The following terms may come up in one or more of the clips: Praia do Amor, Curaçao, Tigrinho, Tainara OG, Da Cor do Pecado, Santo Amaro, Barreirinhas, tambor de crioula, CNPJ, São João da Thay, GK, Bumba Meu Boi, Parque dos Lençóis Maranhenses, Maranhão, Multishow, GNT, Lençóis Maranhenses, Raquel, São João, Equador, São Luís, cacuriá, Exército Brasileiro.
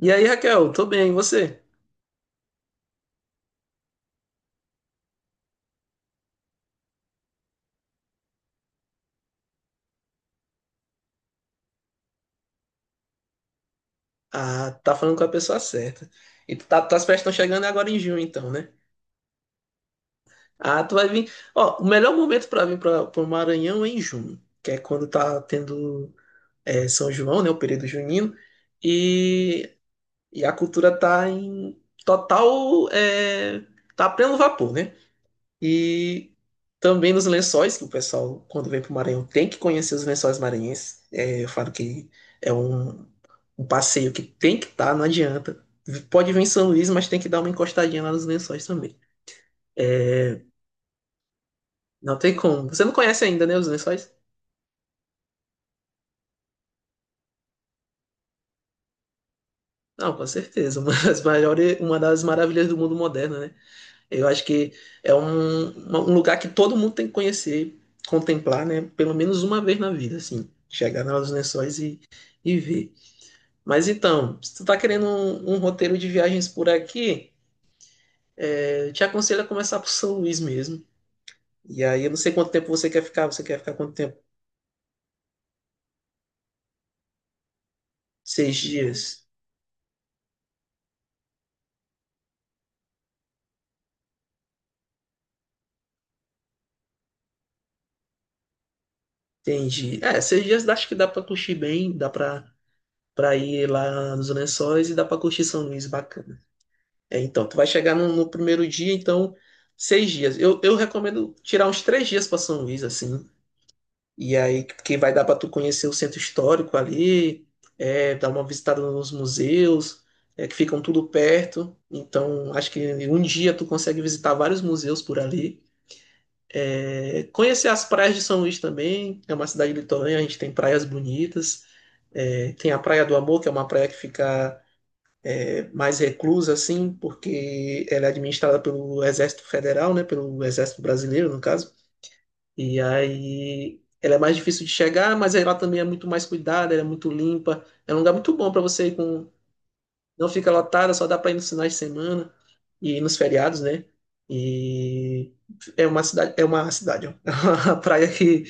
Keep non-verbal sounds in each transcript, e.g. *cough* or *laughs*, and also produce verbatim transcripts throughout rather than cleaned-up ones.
E aí, Raquel, tô bem, e você? Ah, tá falando com a pessoa certa. E tu tá, tuas festas estão chegando agora em junho, então, né? Ah, tu vai vir. Ó, o melhor momento pra vir pra, pro Maranhão é em junho, que é quando tá tendo é, São João, né? O período junino. E, e a cultura tá em total. É, tá a pleno vapor, né? E também nos lençóis, que o pessoal, quando vem para o Maranhão, tem que conhecer os lençóis maranhenses. É, eu falo que é um, um passeio que tem que estar, não adianta. Pode vir em São Luís, mas tem que dar uma encostadinha lá nos lençóis também. É, Não tem como. Você não conhece ainda, né, os lençóis? Não, com certeza. Uma das maiores, uma das maravilhas do mundo moderno, né? Eu acho que é um, uma- um lugar que todo mundo tem que conhecer, contemplar, né? Pelo menos uma vez na vida, assim. Chegar nos lençóis e, e ver. Mas então, se tu tá querendo um, um roteiro de viagens por aqui, eh, eu te aconselho a começar por São Luís mesmo. E aí eu não sei quanto tempo você quer ficar. Você quer ficar quanto tempo? Seis dias. Entendi. É, seis dias acho que dá pra curtir bem, dá pra, pra ir lá nos Lençóis e dá pra curtir São Luís, bacana. É, então, tu vai chegar no, no primeiro dia, então, seis dias. Eu, eu recomendo tirar uns três dias pra São Luís, assim. E aí, que vai dar para tu conhecer o centro histórico ali, é, dar uma visitada nos museus, é, que ficam tudo perto. Então, acho que em um dia tu consegue visitar vários museus por ali. É, conhecer as praias de São Luís também, é uma cidade litorânea, a gente tem praias bonitas. É, tem a Praia do Amor, que é uma praia que fica é, mais reclusa, assim, porque ela é administrada pelo Exército Federal, né, pelo Exército Brasileiro, no caso. E aí ela é mais difícil de chegar, mas ela também é muito mais cuidada, ela é muito limpa. É um lugar muito bom para você ir com. Não fica lotada, só dá para ir nos finais de semana e nos feriados, né? E é uma cidade, é uma cidade, ó. *laughs* É uma praia que,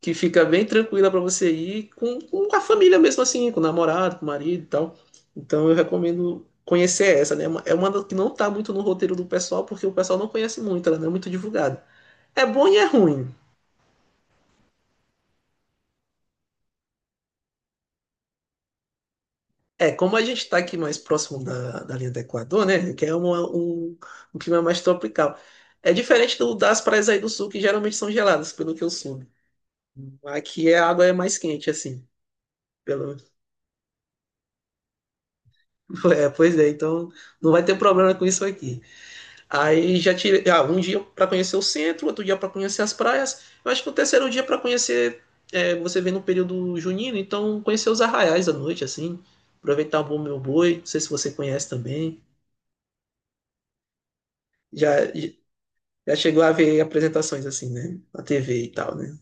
que fica bem tranquila para você ir com, com a família mesmo assim, com o namorado, com o marido e tal. Então eu recomendo conhecer essa, né? É uma é uma das que não tá muito no roteiro do pessoal, porque o pessoal não conhece muito, ela não é muito divulgada. É bom e é ruim. É, como a gente está aqui mais próximo da, da linha do Equador, né? Que é uma- um, um clima mais tropical. É diferente do, das praias aí do sul, que geralmente são geladas, pelo que eu soube. Aqui a água é mais quente, assim. Pelo. *laughs* É, pois é, então não vai ter problema com isso aqui. Aí já tirei. Ah, um dia para conhecer o centro, outro dia para conhecer as praias. Eu acho que o terceiro dia para conhecer. é, você vem no período junino, então conhecer os arraiais à noite, assim. Aproveitar o bom meu boi. Não sei se você conhece também. Já. já chegou a ver apresentações assim, né? Na T V e tal, né?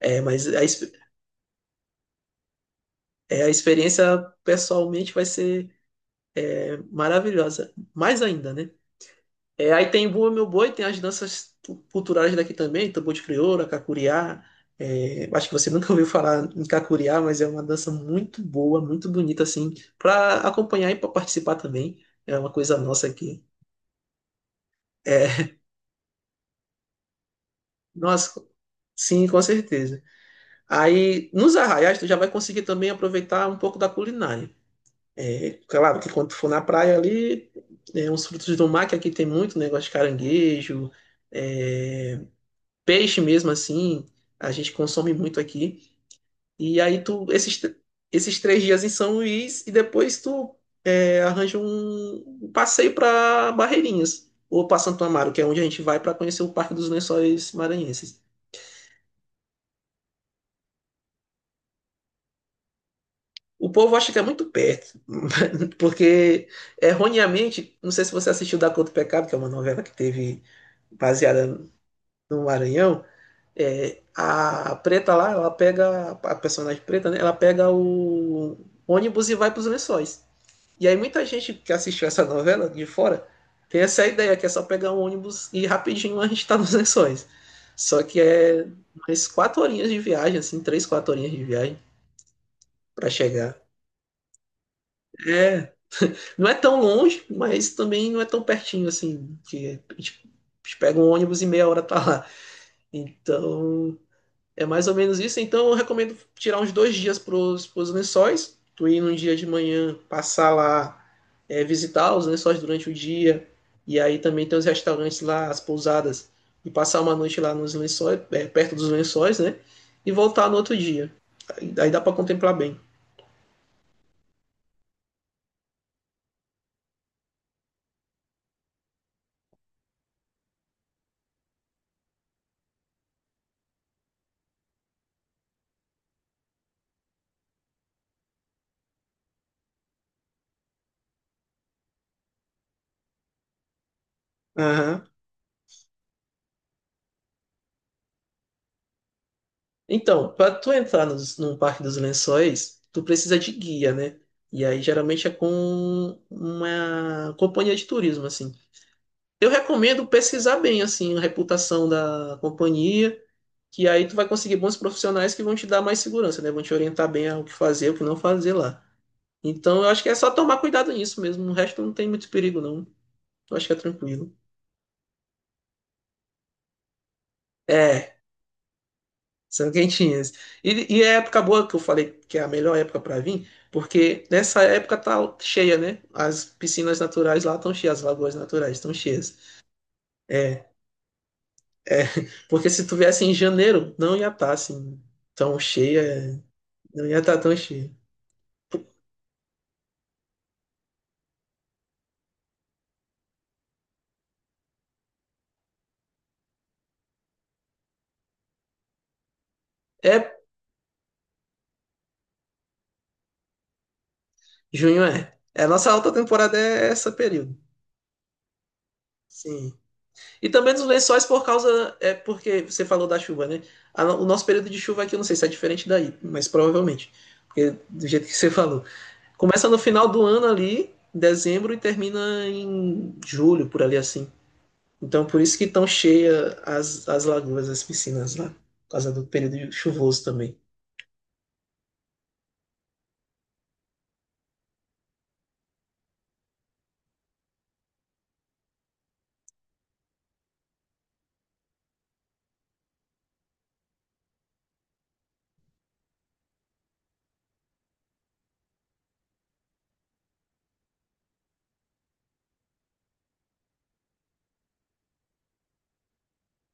É, mas a, ex- é, a experiência pessoalmente vai ser é, maravilhosa. Mais ainda, né? É, aí tem Bumba Meu Boi, tem as danças tu- culturais daqui também, tambor de crioula, cacuriá. É, acho que você *laughs* nunca ouviu falar em cacuriá, mas é uma dança muito boa, muito bonita, assim, para acompanhar e para participar também. É uma coisa nossa aqui. É, *laughs* nossa, sim, com certeza. Aí, nos arraiais, tu já vai conseguir também aproveitar um pouco da culinária. É claro que quando tu for na praia ali, é, uns frutos do mar, que aqui tem muito né, negócio de caranguejo, é, peixe mesmo assim, a gente consome muito aqui. E aí tu, esses, tr- esses três dias em São Luís, e depois tu é, arranja um um passeio para Barreirinhas, ou para Santo Amaro, que é onde a gente vai para conhecer o Parque dos Lençóis Maranhenses. O povo acha que é muito perto, *laughs* porque erroneamente, não sei se você assistiu Da Cor do Pecado, que é uma novela que teve baseada no Maranhão, é, a preta lá, ela pega, a personagem preta, né, ela pega o ônibus e vai para os lençóis. E aí muita gente que assistiu essa novela de fora tem essa ideia que é só pegar um ônibus e rapidinho a gente está nos lençóis. Só que é umas quatro horinhas de viagem, assim, três, quatro horinhas de viagem para chegar. É, Não é tão longe, mas também não é tão pertinho assim, que a gente pega um ônibus e meia hora tá lá. Então, é mais ou menos isso. Então, eu recomendo tirar uns dois dias pros, pros lençóis. Tu ir num dia de manhã, passar lá, é, visitar os lençóis durante o dia. E aí também tem os restaurantes lá, as pousadas. E passar uma noite lá nos lençóis, é, perto dos lençóis, né? E voltar no outro dia. Aí, aí dá para contemplar bem. Aham. Então, para tu entrar nos, num Parque dos Lençóis, tu precisa de guia, né? E aí geralmente é com uma companhia de turismo, assim. Eu recomendo pesquisar bem, assim, a reputação da companhia, que aí tu vai conseguir bons profissionais que vão te dar mais segurança, né? Vão te orientar bem ao que fazer, o que não fazer lá. Então, eu acho que é só tomar cuidado nisso mesmo. O resto não tem muito perigo, não. Eu acho que é tranquilo. É, são quentinhas. E, e é a época boa que eu falei que é a melhor época para vir, porque nessa época tá cheia, né? As piscinas naturais lá estão cheias, as lagoas naturais estão cheias. É, é, *laughs* porque se tu viesse em janeiro, não ia estar assim tão cheia, não ia estar tão cheia. É, junho é. É, a nossa alta temporada é esse período. Sim. E também dos lençóis por causa, é porque você falou da chuva, né? A no- O nosso período de chuva aqui, eu não sei se é diferente daí, mas provavelmente. Porque do jeito que você falou. Começa no final do ano ali, em dezembro, e termina em julho, por ali assim. Então, por isso que estão cheias as, as lagoas, as piscinas lá, por causa do período chuvoso também.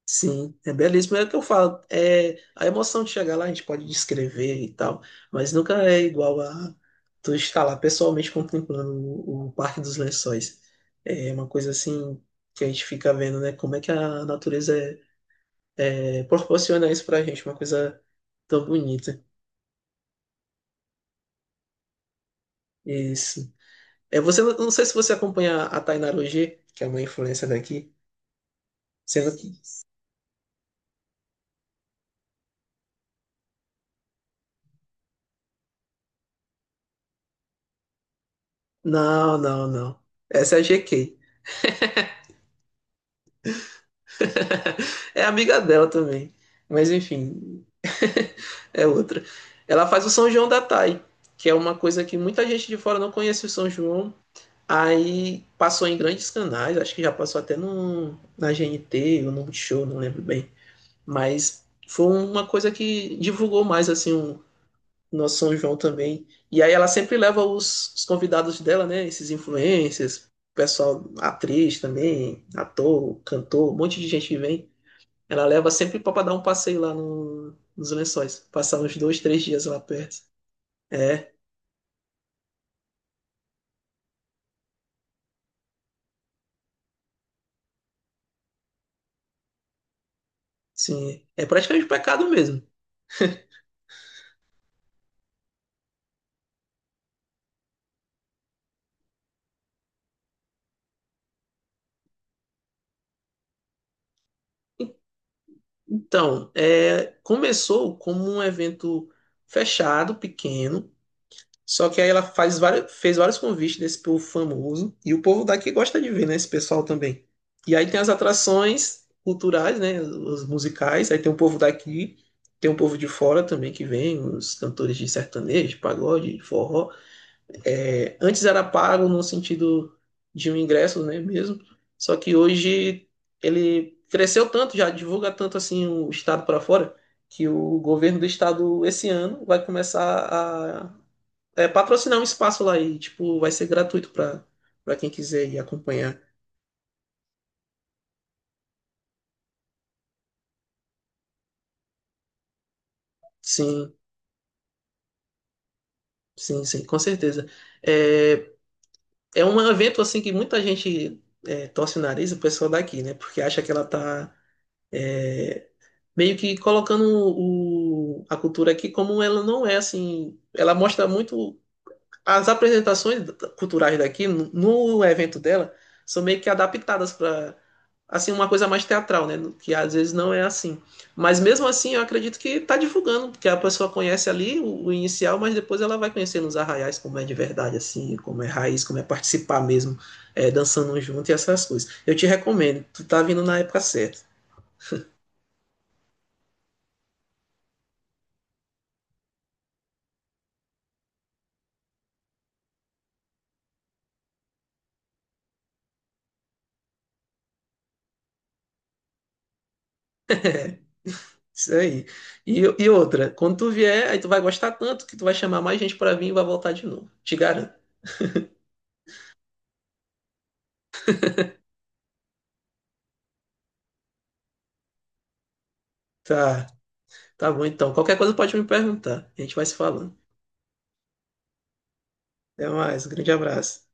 Sim, é belíssimo. É o que eu falo. É, a emoção de chegar lá a gente pode descrever e tal, mas nunca é igual a tu estar lá pessoalmente contemplando o, o Parque dos Lençóis. É uma coisa assim que a gente fica vendo, né? Como é que a natureza é, é, proporciona isso pra gente, uma coisa tão bonita. Isso. É, você não não sei se você acompanha a Tainara O G, que é uma influencer daqui, sendo que. Não, não, não. Essa é a G K. *laughs* É amiga dela também. Mas enfim, *laughs* é outra. Ela faz o São João da Thay, que é uma coisa que muita gente de fora não conhece o São João. Aí passou em grandes canais, acho que já passou até no, na G N T ou no Multishow, não lembro bem. Mas foi uma coisa que divulgou mais assim um, no São João também. E aí ela sempre leva os, os convidados dela, né? Esses influencers, pessoal, atriz também, ator, cantor, um monte de gente que vem. Ela leva sempre para dar um passeio lá no- nos Lençóis, passar uns dois, três dias lá perto. É, sim, é praticamente um pecado mesmo. E- Então, é, começou como um evento fechado, pequeno. Só que aí ela faz vários, fez vários convites desse povo famoso e o povo daqui gosta de ver, né, esse pessoal também. E aí tem as atrações culturais, né, os musicais, aí tem o povo daqui, tem o povo de fora também que vem, os cantores de sertanejo, de pagode, de forró. É, antes era pago no sentido de um ingresso, né, mesmo. Só que hoje ele cresceu tanto, já divulga tanto assim o estado para fora, que o governo do estado esse ano vai começar a é, patrocinar um espaço lá e, tipo, vai ser gratuito para para quem quiser ir acompanhar. Sim, sim, sim, com certeza. É, é um evento, assim, que muita gente é, torce o nariz, o pessoal daqui, né? Porque acha que ela tá meio que colocando o, a cultura aqui como ela não é, assim. Ela mostra muito. As apresentações culturais daqui, no, no evento dela, são meio que adaptadas para assim uma coisa mais teatral, né? Que às vezes não é assim. Mas mesmo assim, eu acredito que tá divulgando, porque a pessoa conhece ali o, o inicial, mas depois ela vai conhecendo os arraiais como é de verdade, assim, como é raiz, como é participar mesmo, é, dançando junto e essas coisas. Eu te recomendo, tu tá vindo na época certa. Isso aí. E, e outra, quando tu vier, aí tu vai gostar tanto que tu vai chamar mais gente para vir e vai voltar de novo. Te garanto. Tá, tá bom então. Qualquer coisa pode me perguntar. A gente vai se falando. Até mais, um grande abraço.